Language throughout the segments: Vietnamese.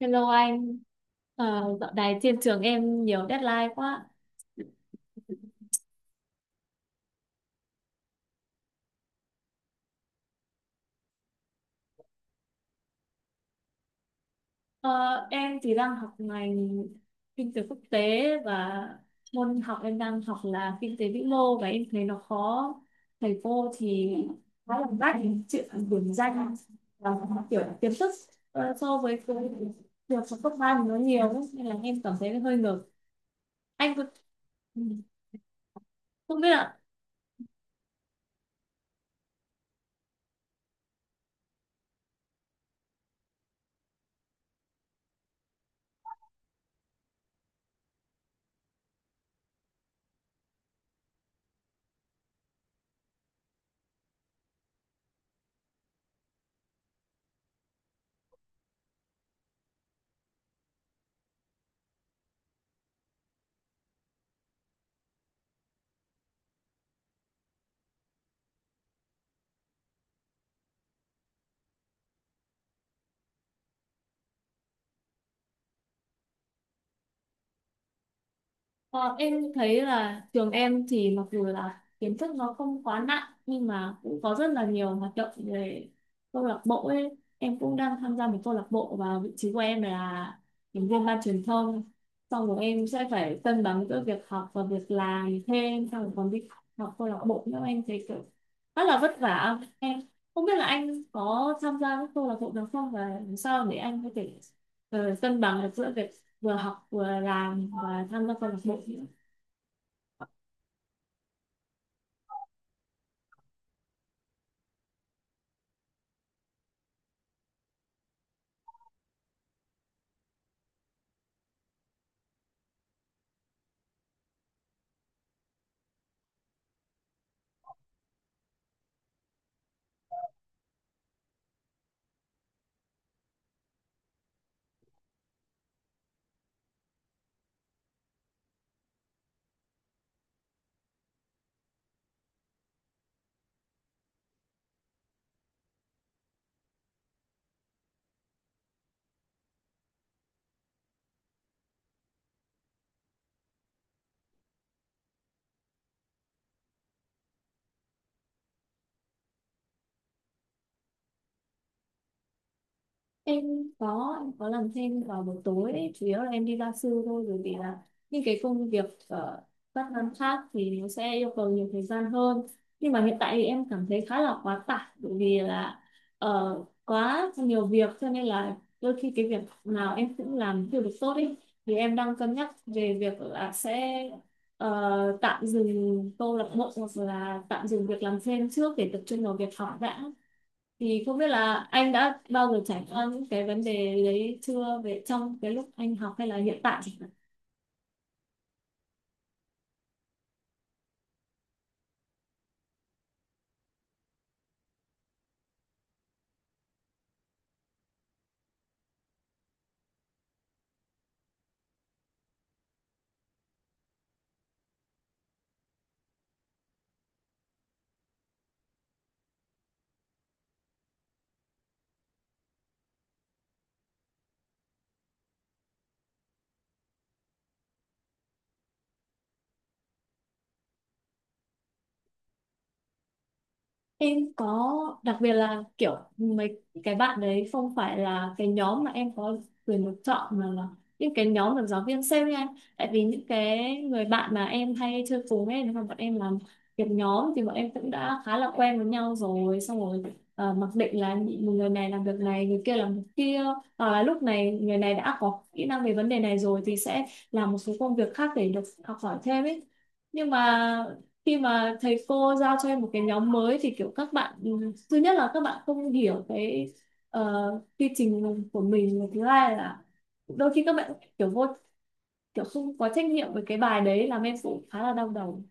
Hello anh. Dạo này trên trường em nhiều deadline quá. Ờ, em thì đang học ngành kinh tế quốc tế, và môn học em đang học là kinh tế vĩ mô, và em thấy nó khó. Thầy cô thì khá là bắt chuyện điểm danh, và kiểu kiến thức so với cái việc học cấp ba thì nó nhiều ấy, nên là em cảm thấy hơi ngợp. Anh có- ừ, Không biết là. Ờ, em thấy là trường em thì mặc dù là kiến thức nó không quá nặng nhưng mà cũng có rất là nhiều hoạt động về câu lạc bộ ấy. Em cũng đang tham gia một câu lạc bộ và vị trí của em là thành viên ban truyền thông. Xong rồi em sẽ phải cân bằng giữa việc học và việc làm thêm, xong rồi còn đi học câu lạc bộ nữa, em thấy kiểu rất là vất vả. Em không biết là anh có tham gia các câu lạc bộ nào không, và làm sao để anh có thể cân bằng được giữa việc vừa học vừa làm và tham gia câu lạc bộ. Em có em có làm thêm vào buổi tối ấy. Chủ yếu là em đi gia sư thôi, bởi vì là những cái công việc ở các năm khác thì nó sẽ yêu cầu nhiều thời gian hơn. Nhưng mà hiện tại thì em cảm thấy khá là quá tải, bởi vì là ờ, quá nhiều việc, cho nên là đôi khi cái việc nào em cũng làm chưa được tốt ấy. Thì em đang cân nhắc về việc là sẽ tạm dừng câu lạc bộ hoặc là tạm dừng việc làm thêm trước, để tập trung vào việc học đã. Thì không biết là anh đã bao giờ trải qua những cái vấn đề đấy chưa, về trong cái lúc anh học hay là hiện tại. Em có, đặc biệt là kiểu mấy cái bạn đấy không phải là cái nhóm mà em có quyền được chọn, mà là những cái nhóm được giáo viên sale nha. Tại vì những cái người bạn mà em hay chơi cùng ấy, nếu mà bọn em làm việc nhóm thì bọn em cũng đã khá là quen với nhau rồi. Xong rồi mặc định là một người này làm việc này, người kia làm việc kia. Hoặc là lúc này người này đã có kỹ năng về vấn đề này rồi thì sẽ làm một số công việc khác để được học hỏi thêm ấy. Nhưng mà khi mà thầy cô giao cho em một cái nhóm mới thì kiểu các bạn thứ nhất là các bạn không hiểu cái ờ, quy trình của mình, và thứ hai là đôi khi các bạn kiểu vô kiểu không có trách nhiệm với cái bài đấy, làm em cũng khá là đau đầu.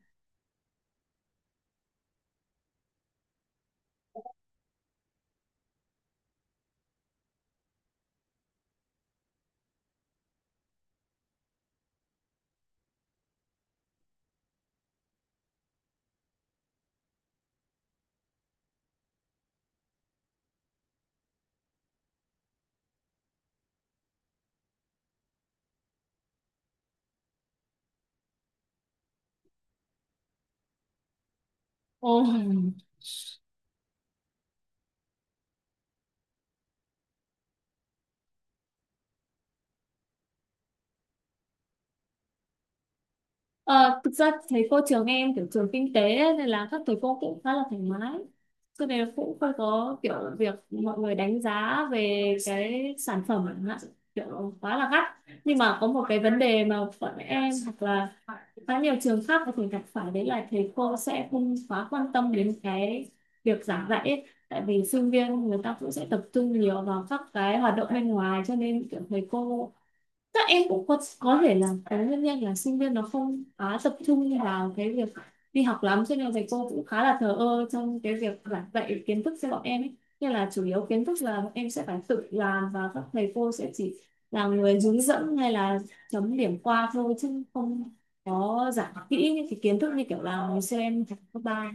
Ồ. Ờ, thực ra thầy cô trường em kiểu trường kinh tế ấy, nên là các thầy cô cũng khá là thoải mái, cho nên cũng không có kiểu việc mọi người đánh giá về cái sản phẩm chẳng hạn, kiểu quá là gắt. Nhưng mà có một cái vấn đề mà bọn em hoặc là khá nhiều trường khác có thể gặp phải, đấy là thầy cô sẽ không quá quan tâm đến cái việc giảng dạy ấy. Tại vì sinh viên người ta cũng sẽ tập trung nhiều vào các cái hoạt động bên ngoài, cho nên kiểu thầy cô các em cũng có thể là cái nguyên nhân là sinh viên nó không quá tập trung vào cái việc đi học lắm, cho nên là thầy cô cũng khá là thờ ơ trong cái việc giảng dạy kiến thức cho bọn em ấy. Nên là chủ yếu kiến thức là bọn em sẽ phải tự làm, và các thầy cô sẽ chỉ là người hướng dẫn hay là chấm điểm qua thôi, chứ không có giảng kỹ những cái kiến thức như kiểu là ngày xưa em học cấp ba.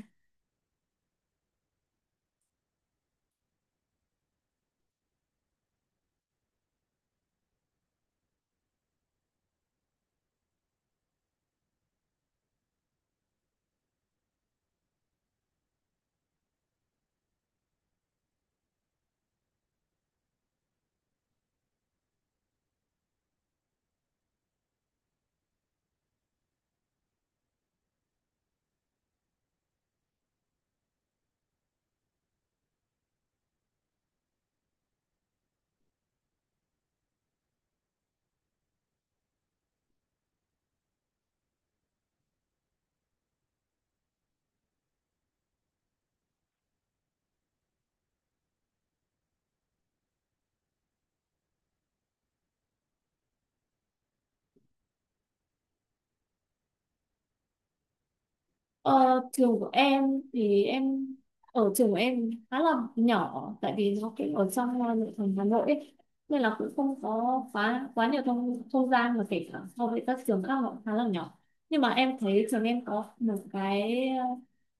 Ờ, trường của em thì em ở trường của em khá là nhỏ, tại vì nó cũng ở trong nội thành Hà Nội ấy. Nên là cũng không có quá quá nhiều không không gian, mà kể cả so với các trường khác họ cũng khá là nhỏ. Nhưng mà em thấy trường em có một cái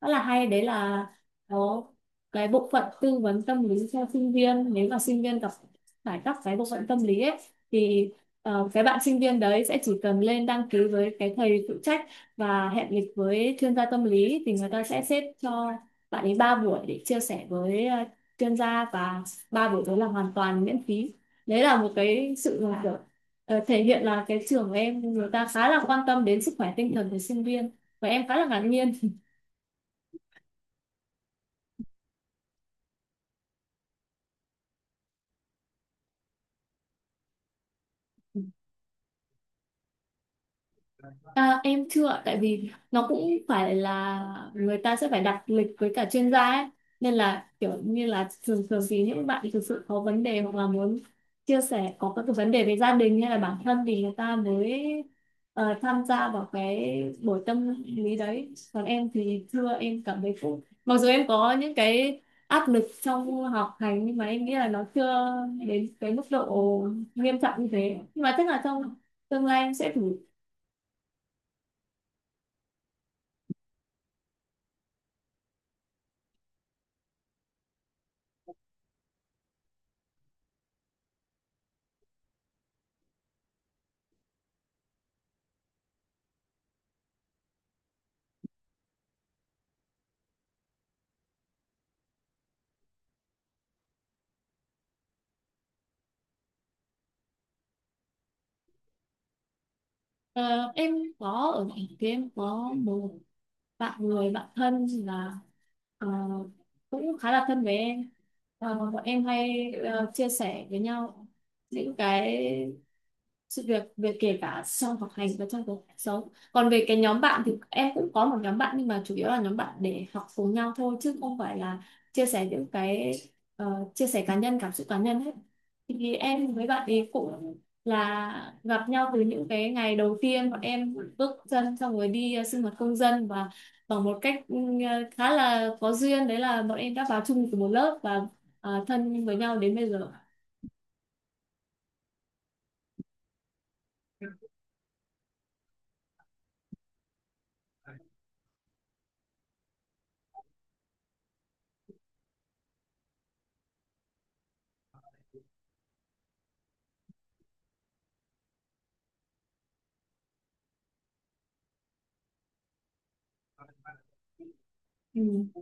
rất là hay, đấy là có cái bộ phận tư vấn tâm lý cho sinh viên. Nếu mà sinh viên gặp phải các cái bộ phận tâm lý ấy thì cái bạn sinh viên đấy sẽ chỉ cần lên đăng ký với cái thầy phụ trách và hẹn lịch với chuyên gia tâm lý, thì người ta sẽ xếp cho bạn ấy 3 buổi để chia sẻ với chuyên gia, và ba buổi đó là hoàn toàn miễn phí. Đấy là một cái sự là kiểu, thể hiện là cái trường của em người ta khá là quan tâm đến sức khỏe tinh thần của sinh viên, và em khá là ngạc nhiên. À, em chưa ạ, tại vì nó cũng phải là người ta sẽ phải đặt lịch với cả chuyên gia ấy. Nên là kiểu như là thường thường thì những bạn thực sự có vấn đề hoặc là muốn chia sẻ, có các cái vấn đề về gia đình hay là bản thân, thì người ta mới tham gia vào cái buổi tâm lý đấy. Còn em thì chưa, em cảm thấy cũng mặc dù em có những cái áp lực trong học hành, nhưng mà em nghĩ là nó chưa đến cái mức độ nghiêm trọng như thế. Nhưng mà chắc là trong tương lai em sẽ thử. Ờ, em có ở thành kia, em có một bạn, người bạn thân là ờ, cũng khá là thân với em. Ờ, bọn em hay chia sẻ với nhau những cái sự việc về kể cả trong học hành và trong cuộc sống. Còn về cái nhóm bạn thì em cũng có một nhóm bạn, nhưng mà chủ yếu là nhóm bạn để học cùng nhau thôi, chứ không phải là chia sẻ những cái ờ, chia sẻ cá nhân, cảm xúc cá nhân hết. Thì em với bạn ấy cũng là gặp nhau từ những cái ngày đầu tiên bọn em bước chân, xong rồi đi sinh hoạt công dân. Và bằng một cách khá là có duyên, đấy là bọn em đã vào chung từ một lớp và thân với nhau đến bây giờ. Ừ.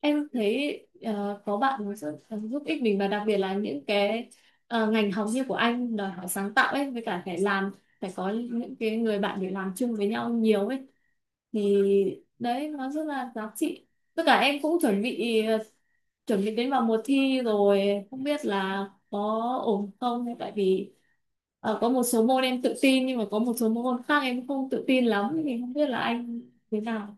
Em thấy có bạn nó rất là giúp ích mình, và đặc biệt là những cái ngành học như của anh đòi hỏi sáng tạo ấy, với cả phải làm, phải có những cái người bạn để làm chung với nhau nhiều ấy, thì đấy nó rất là giá trị. Tất cả em cũng chuẩn bị chuẩn bị đến vào mùa thi rồi, không biết là có ổn không. Tại vì có một số môn em tự tin, nhưng mà có một số môn khác em không tự tin lắm, thì không biết là anh thế nào.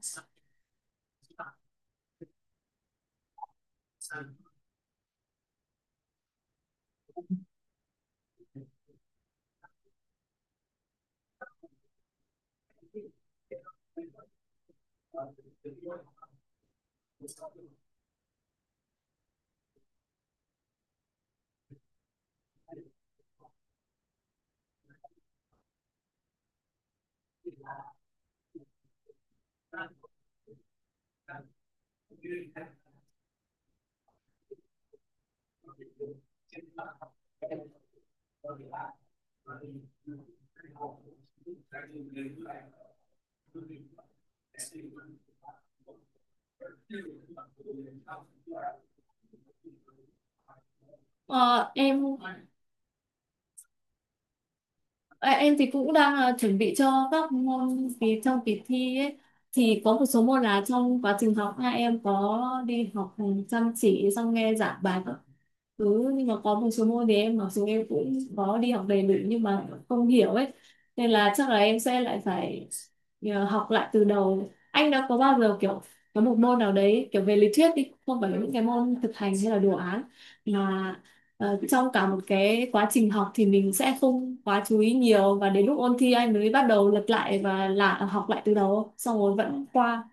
Ờ, em À, em thì cũng đang chuẩn bị cho các môn kỳ trong kỳ thi ấy. Thì có một số môn là trong quá trình học hai em có đi học chăm chỉ, xong nghe giảng bài. Ừ, nhưng mà có một số môn thì em mặc dù em cũng có đi học đầy đủ nhưng mà không hiểu ấy, nên là chắc là em sẽ lại phải học lại từ đầu. Anh đã có bao giờ kiểu có một môn nào đấy kiểu về lý thuyết đi, không phải là những cái môn thực hành hay là đồ án, mà trong cả một cái quá trình học thì mình sẽ không quá chú ý nhiều, và đến lúc ôn thi anh mới bắt đầu lật lại và là học lại từ đầu xong rồi vẫn qua?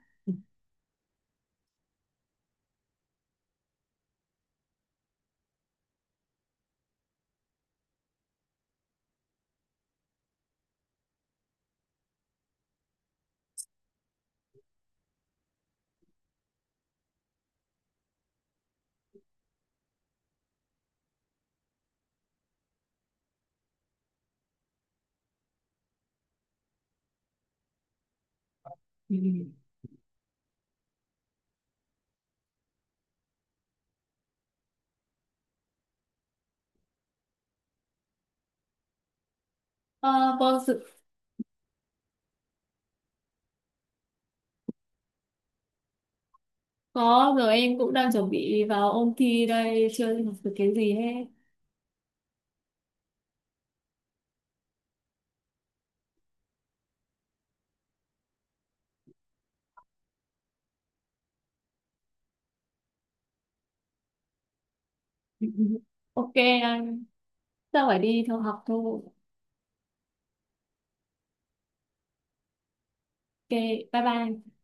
Vâng. Có rồi, em cũng đang chuẩn bị vào ôn thi đây, chưa học được cái gì hết. Ok anh, tôi phải đi thôi học thôi. Ok, bye bye.